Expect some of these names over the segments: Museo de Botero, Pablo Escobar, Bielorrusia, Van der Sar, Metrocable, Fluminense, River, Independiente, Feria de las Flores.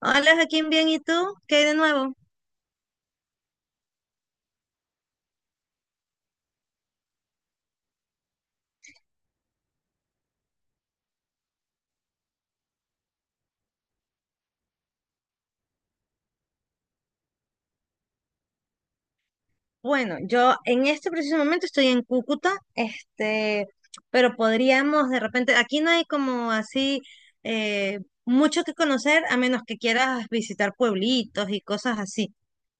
Hola Joaquín, bien, ¿y tú? ¿Qué hay de nuevo? Bueno, yo en este preciso momento estoy en Cúcuta, pero podríamos de repente, aquí no hay como así mucho que conocer a menos que quieras visitar pueblitos y cosas así.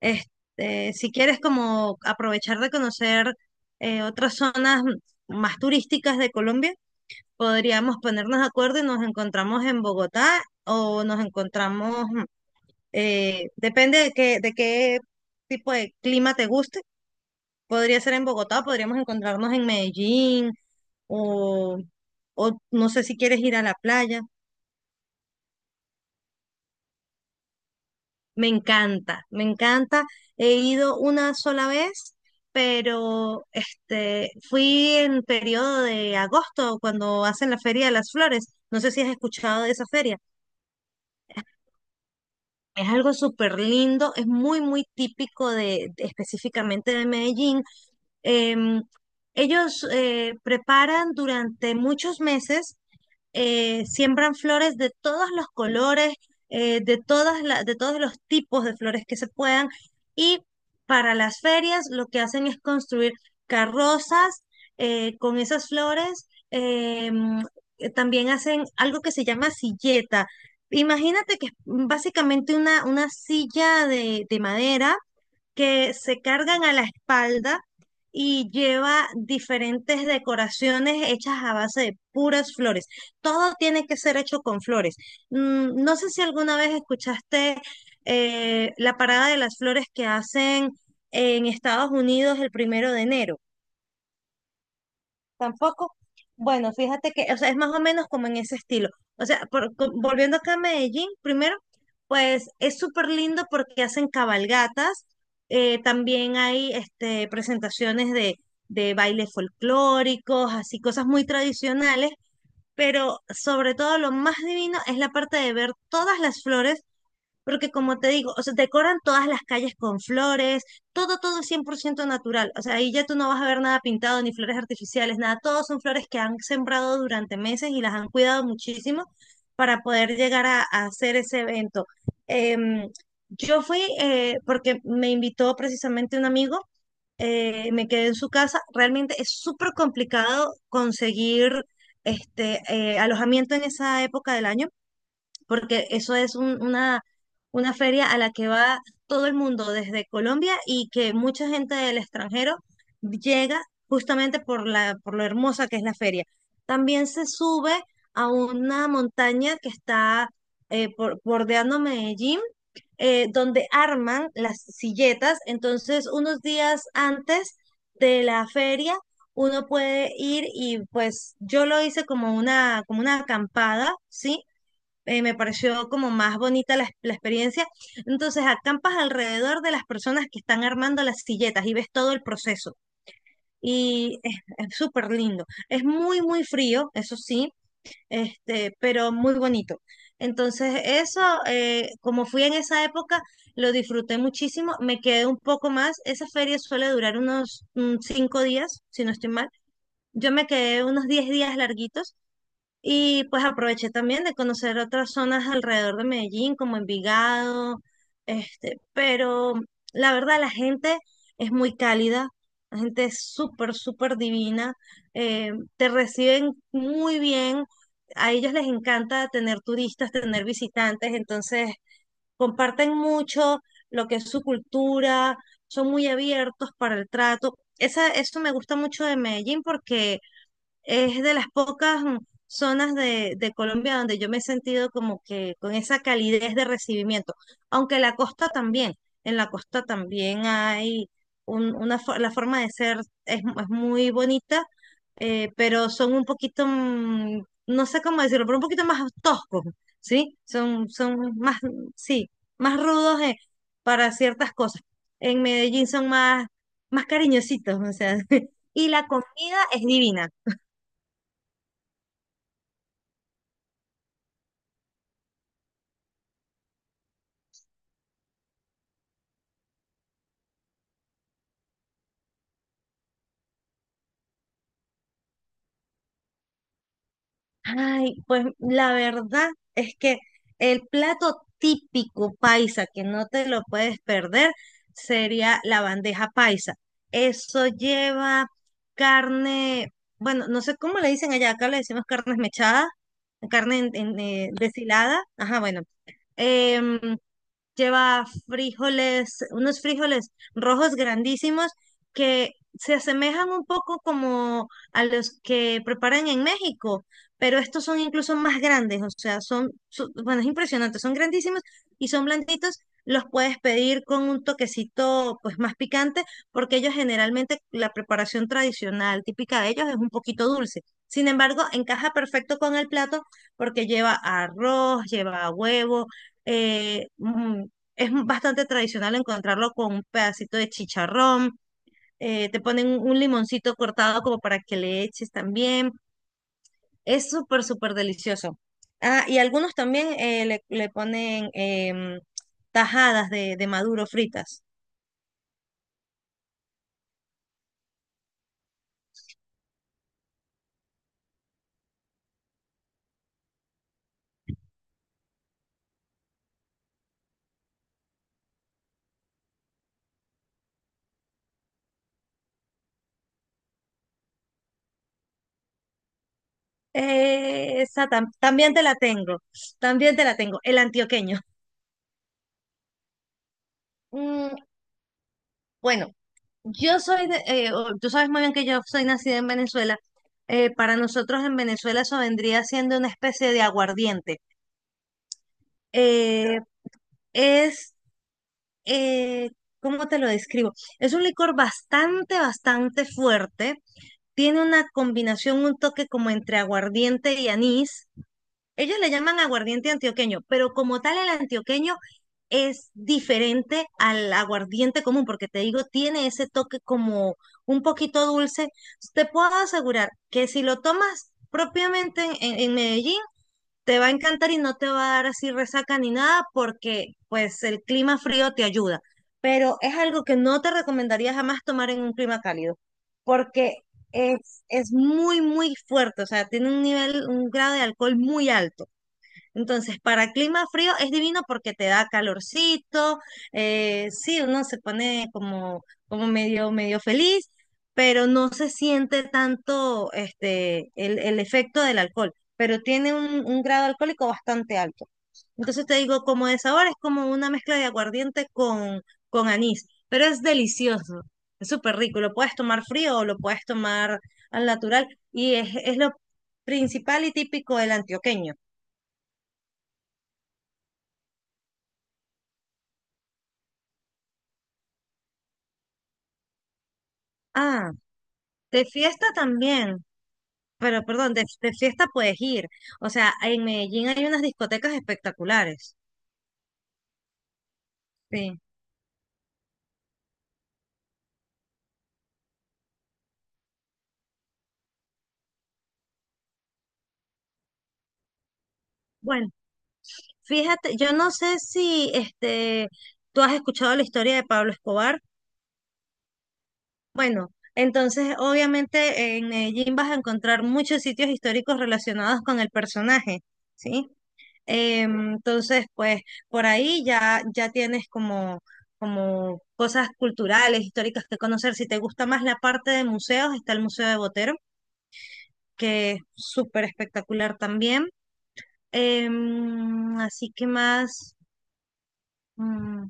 Si quieres como aprovechar de conocer otras zonas más turísticas de Colombia, podríamos ponernos de acuerdo y nos encontramos en Bogotá o nos encontramos. Depende de qué tipo de clima te guste. Podría ser en Bogotá, podríamos encontrarnos en Medellín o, o no sé si quieres ir a la playa. Me encanta, me encanta. He ido una sola vez, pero fui en periodo de agosto cuando hacen la Feria de las Flores. No sé si has escuchado de esa feria. Es algo súper lindo, es muy, muy típico específicamente de Medellín. Em, Ellos preparan durante muchos meses, siembran flores de todos los colores, de de todos los tipos de flores que se puedan. Y para las ferias lo que hacen es construir carrozas con esas flores. También hacen algo que se llama silleta. Imagínate que es básicamente una silla de madera que se cargan a la espalda y lleva diferentes decoraciones hechas a base de puras flores. Todo tiene que ser hecho con flores. No sé si alguna vez escuchaste la parada de las flores que hacen en Estados Unidos el 1 de enero. Tampoco. Bueno, fíjate que, o sea, es más o menos como en ese estilo. O sea, volviendo acá a Medellín, primero, pues es súper lindo porque hacen cabalgatas, también hay presentaciones de bailes folclóricos, así cosas muy tradicionales, pero sobre todo lo más divino es la parte de ver todas las flores porque como te digo, o sea, decoran todas las calles con flores, todo, todo es 100% natural. O sea, ahí ya tú no vas a ver nada pintado, ni flores artificiales, nada. Todos son flores que han sembrado durante meses y las han cuidado muchísimo para poder llegar a hacer ese evento. Em, yo fui porque me invitó precisamente un amigo, me quedé en su casa. Realmente es súper complicado conseguir alojamiento en esa época del año porque eso es una feria a la que va todo el mundo desde Colombia y que mucha gente del extranjero llega justamente por por lo hermosa que es la feria. También se sube a una montaña que está bordeando Medellín donde arman las silletas. Entonces, unos días antes de la feria, uno puede ir y pues yo lo hice como como una acampada, ¿sí? Me pareció como más bonita la experiencia. Entonces acampas alrededor de las personas que están armando las silletas y ves todo el proceso. Y es súper lindo. Es muy, muy frío, eso sí, pero muy bonito. Entonces eso, como fui en esa época, lo disfruté muchísimo. Me quedé un poco más. Esa feria suele durar unos 5 días, si no estoy mal. Yo me quedé unos 10 días larguitos y pues aproveché también de conocer otras zonas alrededor de Medellín, como Envigado, pero la verdad la gente es muy cálida, la gente es súper, súper divina, te reciben muy bien, a ellos les encanta tener turistas, tener visitantes, entonces comparten mucho lo que es su cultura, son muy abiertos para el trato. Esa, eso me gusta mucho de Medellín porque es de las pocas zonas de Colombia donde yo me he sentido como que con esa calidez de recibimiento, aunque la costa también, en la costa también hay la forma de ser es muy bonita, pero son un poquito, no sé cómo decirlo, pero un poquito más toscos, ¿sí? Son, son más, sí, más rudos para ciertas cosas. En Medellín son más, más cariñositos, o sea, y la comida es divina. Ay, pues la verdad es que el plato típico paisa que no te lo puedes perder sería la bandeja paisa. Eso lleva carne, bueno, no sé cómo le dicen allá, acá le decimos carne mechada, carne deshilada. Ajá, bueno. em, Lleva frijoles, unos frijoles rojos grandísimos que se asemejan un poco como a los que preparan en México, pero estos son incluso más grandes, o sea, bueno, es impresionante, son grandísimos y son blanditos. Los puedes pedir con un toquecito pues más picante, porque ellos generalmente la preparación tradicional típica de ellos es un poquito dulce. Sin embargo, encaja perfecto con el plato porque lleva arroz, lleva huevo, eh, mm, es bastante tradicional encontrarlo con un pedacito de chicharrón, te ponen un limoncito cortado como para que le eches también. Es súper, súper delicioso. Ah, y algunos también le ponen tajadas de maduro fritas. Esa también te la tengo, el antioqueño. Mm, bueno, yo soy tú sabes muy bien que yo soy nacida en Venezuela. Para nosotros en Venezuela eso vendría siendo una especie de aguardiente. Eh, es, eh, ¿Cómo te lo describo? Es un licor bastante, bastante fuerte. Tiene una combinación, un toque como entre aguardiente y anís. Ellos le llaman aguardiente antioqueño, pero como tal el antioqueño es diferente al aguardiente común, porque te digo, tiene ese toque como un poquito dulce. Te puedo asegurar que si lo tomas propiamente en, en Medellín, te va a encantar y no te va a dar así resaca ni nada porque pues el clima frío te ayuda, pero es algo que no te recomendaría jamás tomar en un clima cálido porque es muy, muy fuerte, o sea, tiene un nivel, un grado de alcohol muy alto. Entonces, para clima frío es divino porque te da calorcito, sí, uno se pone como medio, medio feliz, pero no se siente tanto el efecto del alcohol, pero tiene un grado alcohólico bastante alto. Entonces te digo, como de sabor es como una mezcla de aguardiente con anís, pero es delicioso, es súper rico, lo puedes tomar frío o lo puedes tomar al natural y es lo principal y típico del antioqueño. Ah, de fiesta también, pero perdón, de fiesta puedes ir. O sea, en Medellín hay unas discotecas espectaculares. Sí. Bueno, fíjate, yo no sé si tú has escuchado la historia de Pablo Escobar. Bueno, entonces obviamente en Medellín vas a encontrar muchos sitios históricos relacionados con el personaje, ¿sí? Entonces, pues por ahí ya tienes como cosas culturales, históricas que conocer. Si te gusta más la parte de museos, está el Museo de Botero, que es súper espectacular también. Así que más. mm,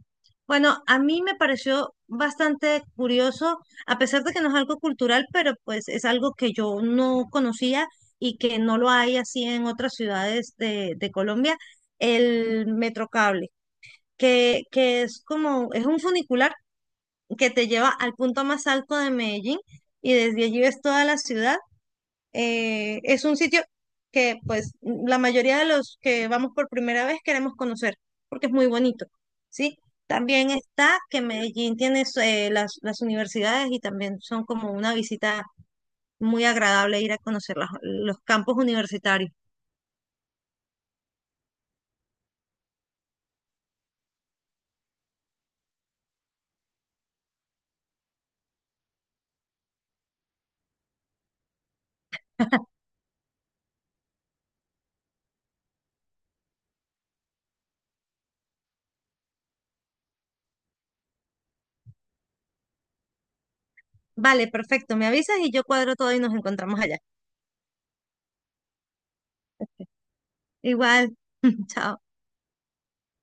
Bueno, a mí me pareció bastante curioso, a pesar de que no es algo cultural, pero pues es algo que yo no conocía y que no lo hay así en otras ciudades de Colombia, el Metrocable, que es como, es un funicular que te lleva al punto más alto de Medellín y desde allí ves toda la ciudad. Es un sitio que pues la mayoría de los que vamos por primera vez queremos conocer porque es muy bonito, ¿sí? También está que Medellín tiene las universidades y también son como una visita muy agradable ir a conocer los campos universitarios. Vale, perfecto, me avisas y yo cuadro todo y nos encontramos allá. Igual, chao.